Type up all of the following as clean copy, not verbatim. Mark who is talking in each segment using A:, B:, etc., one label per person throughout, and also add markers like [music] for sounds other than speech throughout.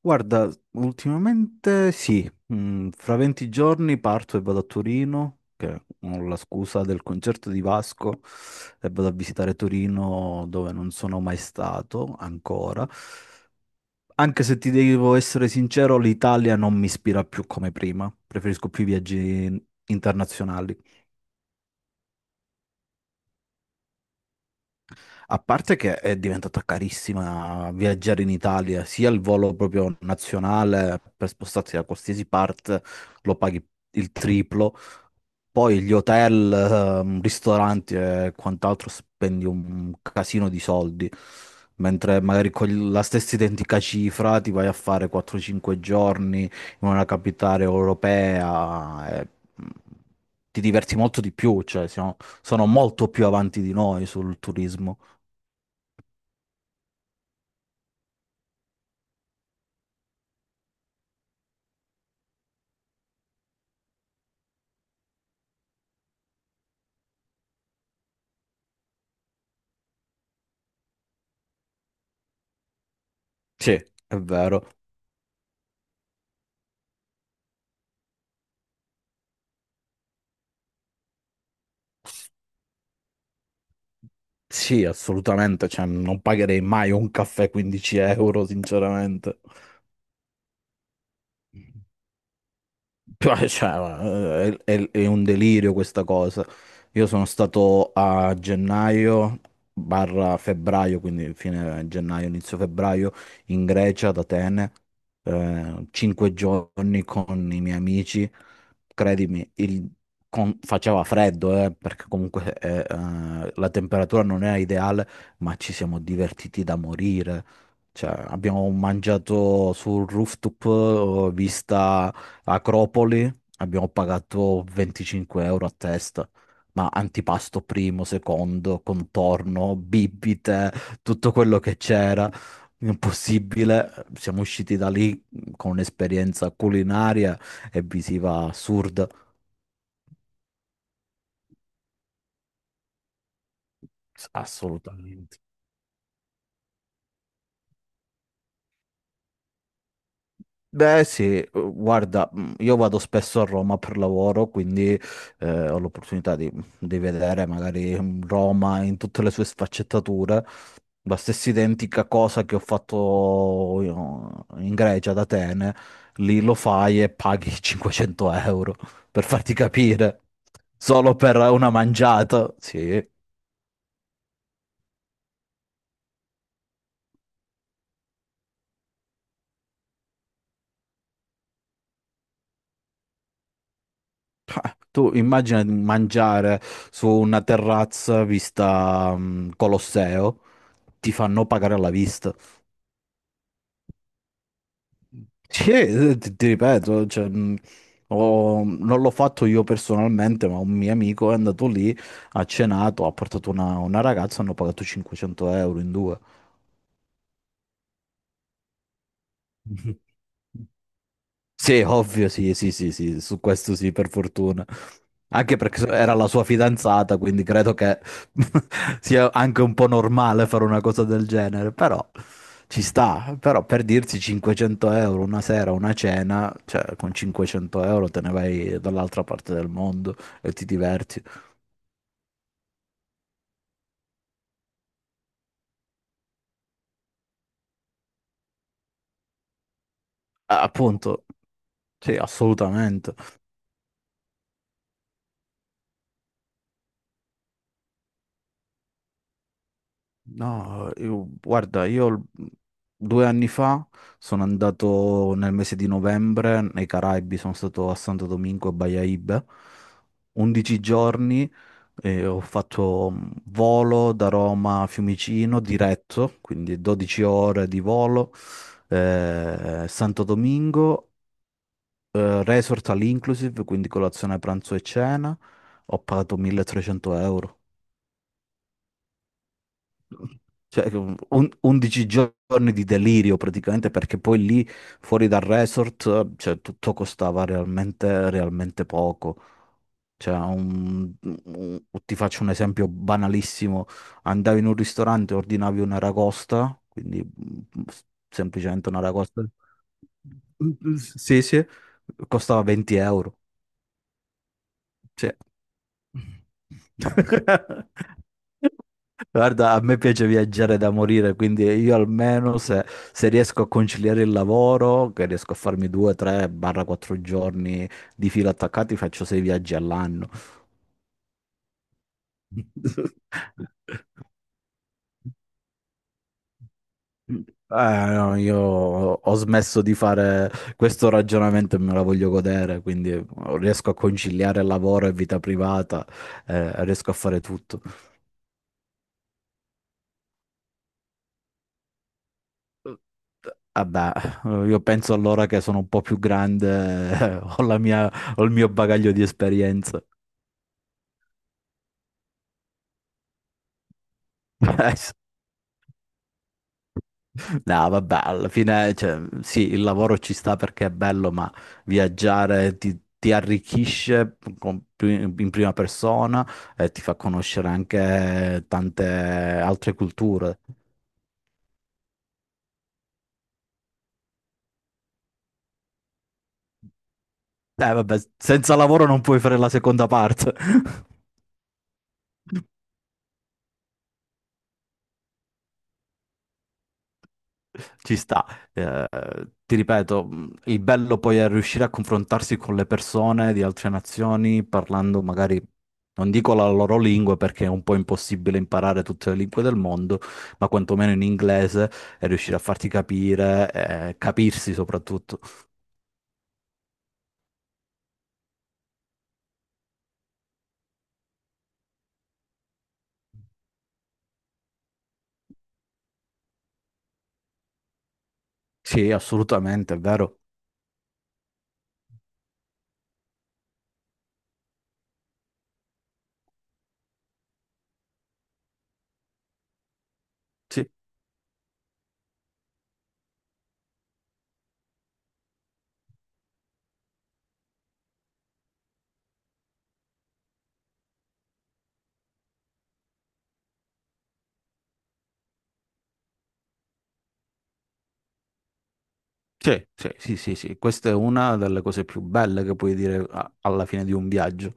A: Guarda, ultimamente sì. Fra 20 giorni parto e vado a Torino, che ho la scusa del concerto di Vasco, e vado a visitare Torino dove non sono mai stato ancora. Anche se ti devo essere sincero, l'Italia non mi ispira più come prima, preferisco più i viaggi internazionali. A parte che è diventata carissima viaggiare in Italia, sia il volo proprio nazionale per spostarsi da qualsiasi parte lo paghi il triplo. Poi gli hotel, ristoranti e quant'altro, spendi un casino di soldi, mentre magari con la stessa identica cifra ti vai a fare 4-5 giorni in una capitale europea e mm, ti diverti molto di più, cioè sono molto più avanti di noi sul turismo. Sì, è vero. Sì, assolutamente, cioè non pagherei mai un caffè 15 euro, sinceramente. Cioè, [laughs] cioè, è un delirio questa cosa. Io sono stato a gennaio/febbraio, quindi fine gennaio, inizio febbraio, in Grecia, ad Atene, 5 giorni con i miei amici. Credimi, faceva freddo, perché comunque la temperatura non era ideale, ma ci siamo divertiti da morire. Cioè, abbiamo mangiato sul rooftop, vista Acropoli, abbiamo pagato 25 € a testa, ma antipasto, primo, secondo, contorno, bibite, tutto quello che c'era, impossibile. Siamo usciti da lì con un'esperienza culinaria e visiva assurda, assolutamente. Beh sì, guarda, io vado spesso a Roma per lavoro, quindi ho l'opportunità di vedere magari Roma in tutte le sue sfaccettature. La stessa identica cosa che ho fatto io in Grecia, ad Atene, lì lo fai e paghi [laughs] 500 euro, per farti capire, solo per una mangiata. Sì. Tu immagina di mangiare su una terrazza vista Colosseo, ti fanno pagare alla vista. Sì, ti ripeto, cioè, non l'ho fatto io personalmente, ma un mio amico è andato lì, ha cenato, ha portato una ragazza, hanno pagato 500 € in due. [laughs] Sì, ovvio, sì, sì, sì, sì, su questo sì, per fortuna. Anche perché era la sua fidanzata, quindi credo che [laughs] sia anche un po' normale fare una cosa del genere, però ci sta. Però per dirsi 500 € una sera, una cena, cioè con 500 € te ne vai dall'altra parte del mondo e ti diverti. Ah, appunto, sì, assolutamente. No, guarda, 2 anni fa sono andato nel mese di novembre nei Caraibi, sono stato a Santo Domingo e Baia Ibe, 11 giorni, ho fatto volo da Roma a Fiumicino diretto, quindi 12 ore di volo, Santo Domingo, resort all inclusive, quindi colazione, pranzo e cena, ho pagato 1300 euro. Cioè, 11 giorni di delirio praticamente, perché poi lì fuori dal resort, cioè, tutto costava realmente, realmente poco. Cioè, ti faccio un esempio banalissimo. Andavi in un ristorante, ordinavi una ragosta, quindi semplicemente una ragosta. Sì, sì, costava 20 euro. Cioè. [laughs] Guarda, a me piace viaggiare da morire, quindi io almeno se riesco a conciliare il lavoro, che riesco a farmi due, tre, barra quattro giorni di fila attaccati, faccio sei viaggi all'anno. [laughs] Eh, no, io ho smesso di fare questo ragionamento e me la voglio godere, quindi riesco a conciliare lavoro e vita privata, riesco a fare tutto. Vabbè, io penso allora che sono un po' più grande, ho il mio bagaglio di esperienze. [laughs] No, vabbè, alla fine, cioè, sì, il lavoro ci sta perché è bello, ma viaggiare ti arricchisce in prima persona e ti fa conoscere anche tante altre culture. Vabbè, senza lavoro non puoi fare la seconda parte. [laughs] Ci sta, eh, ti ripeto, il bello poi è riuscire a confrontarsi con le persone di altre nazioni parlando magari, non dico la loro lingua perché è un po' impossibile imparare tutte le lingue del mondo, ma quantomeno in inglese, e riuscire a farti capire, capirsi soprattutto. Sì, assolutamente, è vero. Sì, sì, sì, sì, sì, sì. Questa è una delle cose più belle che puoi dire alla fine di un viaggio.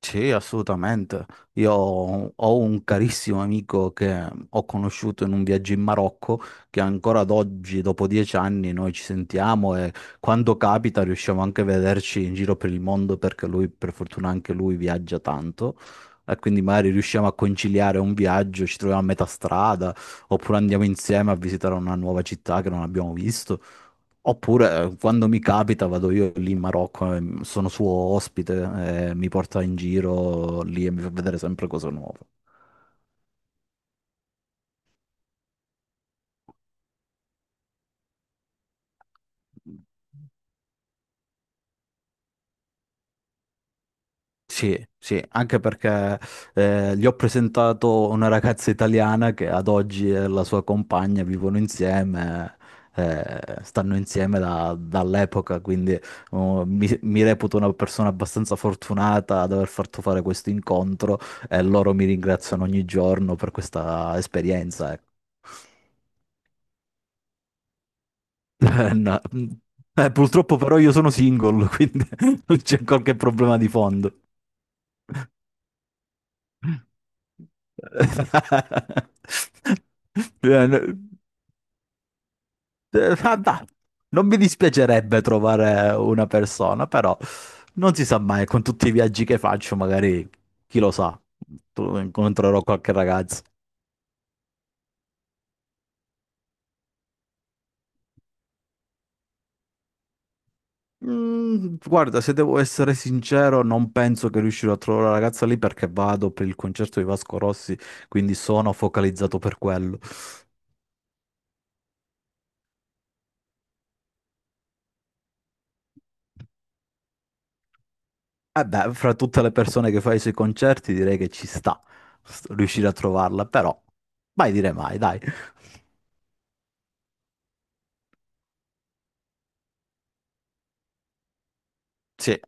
A: Sì, assolutamente. Io ho un carissimo amico che ho conosciuto in un viaggio in Marocco, che ancora ad oggi, dopo 10 anni, noi ci sentiamo e quando capita riusciamo anche a vederci in giro per il mondo perché lui, per fortuna, anche lui viaggia tanto. E quindi magari riusciamo a conciliare un viaggio, ci troviamo a metà strada, oppure andiamo insieme a visitare una nuova città che non abbiamo visto. Oppure quando mi capita vado io lì in Marocco, sono suo ospite, mi porta in giro lì e mi fa vedere sempre cose nuove. Sì, sì, anche perché gli ho presentato una ragazza italiana che ad oggi è la sua compagna, vivono insieme, stanno insieme dall'epoca, quindi oh, mi reputo una persona abbastanza fortunata ad aver fatto fare questo incontro e loro mi ringraziano ogni giorno per questa esperienza. Ecco. [laughs] No, purtroppo però io sono single, quindi [laughs] non c'è qualche problema di fondo. [laughs] Eh, n- vabbè, non mi dispiacerebbe trovare una persona, però non si sa mai, con tutti i viaggi che faccio, magari, chi lo sa, incontrerò qualche ragazzo. Mm, guarda, se devo essere sincero, non penso che riuscirò a trovare la ragazza lì perché vado per il concerto di Vasco Rossi, quindi sono focalizzato per quello. Eh beh, fra tutte le persone che fa i suoi concerti direi che ci sta riuscire a trovarla, però mai dire mai, dai. Sì.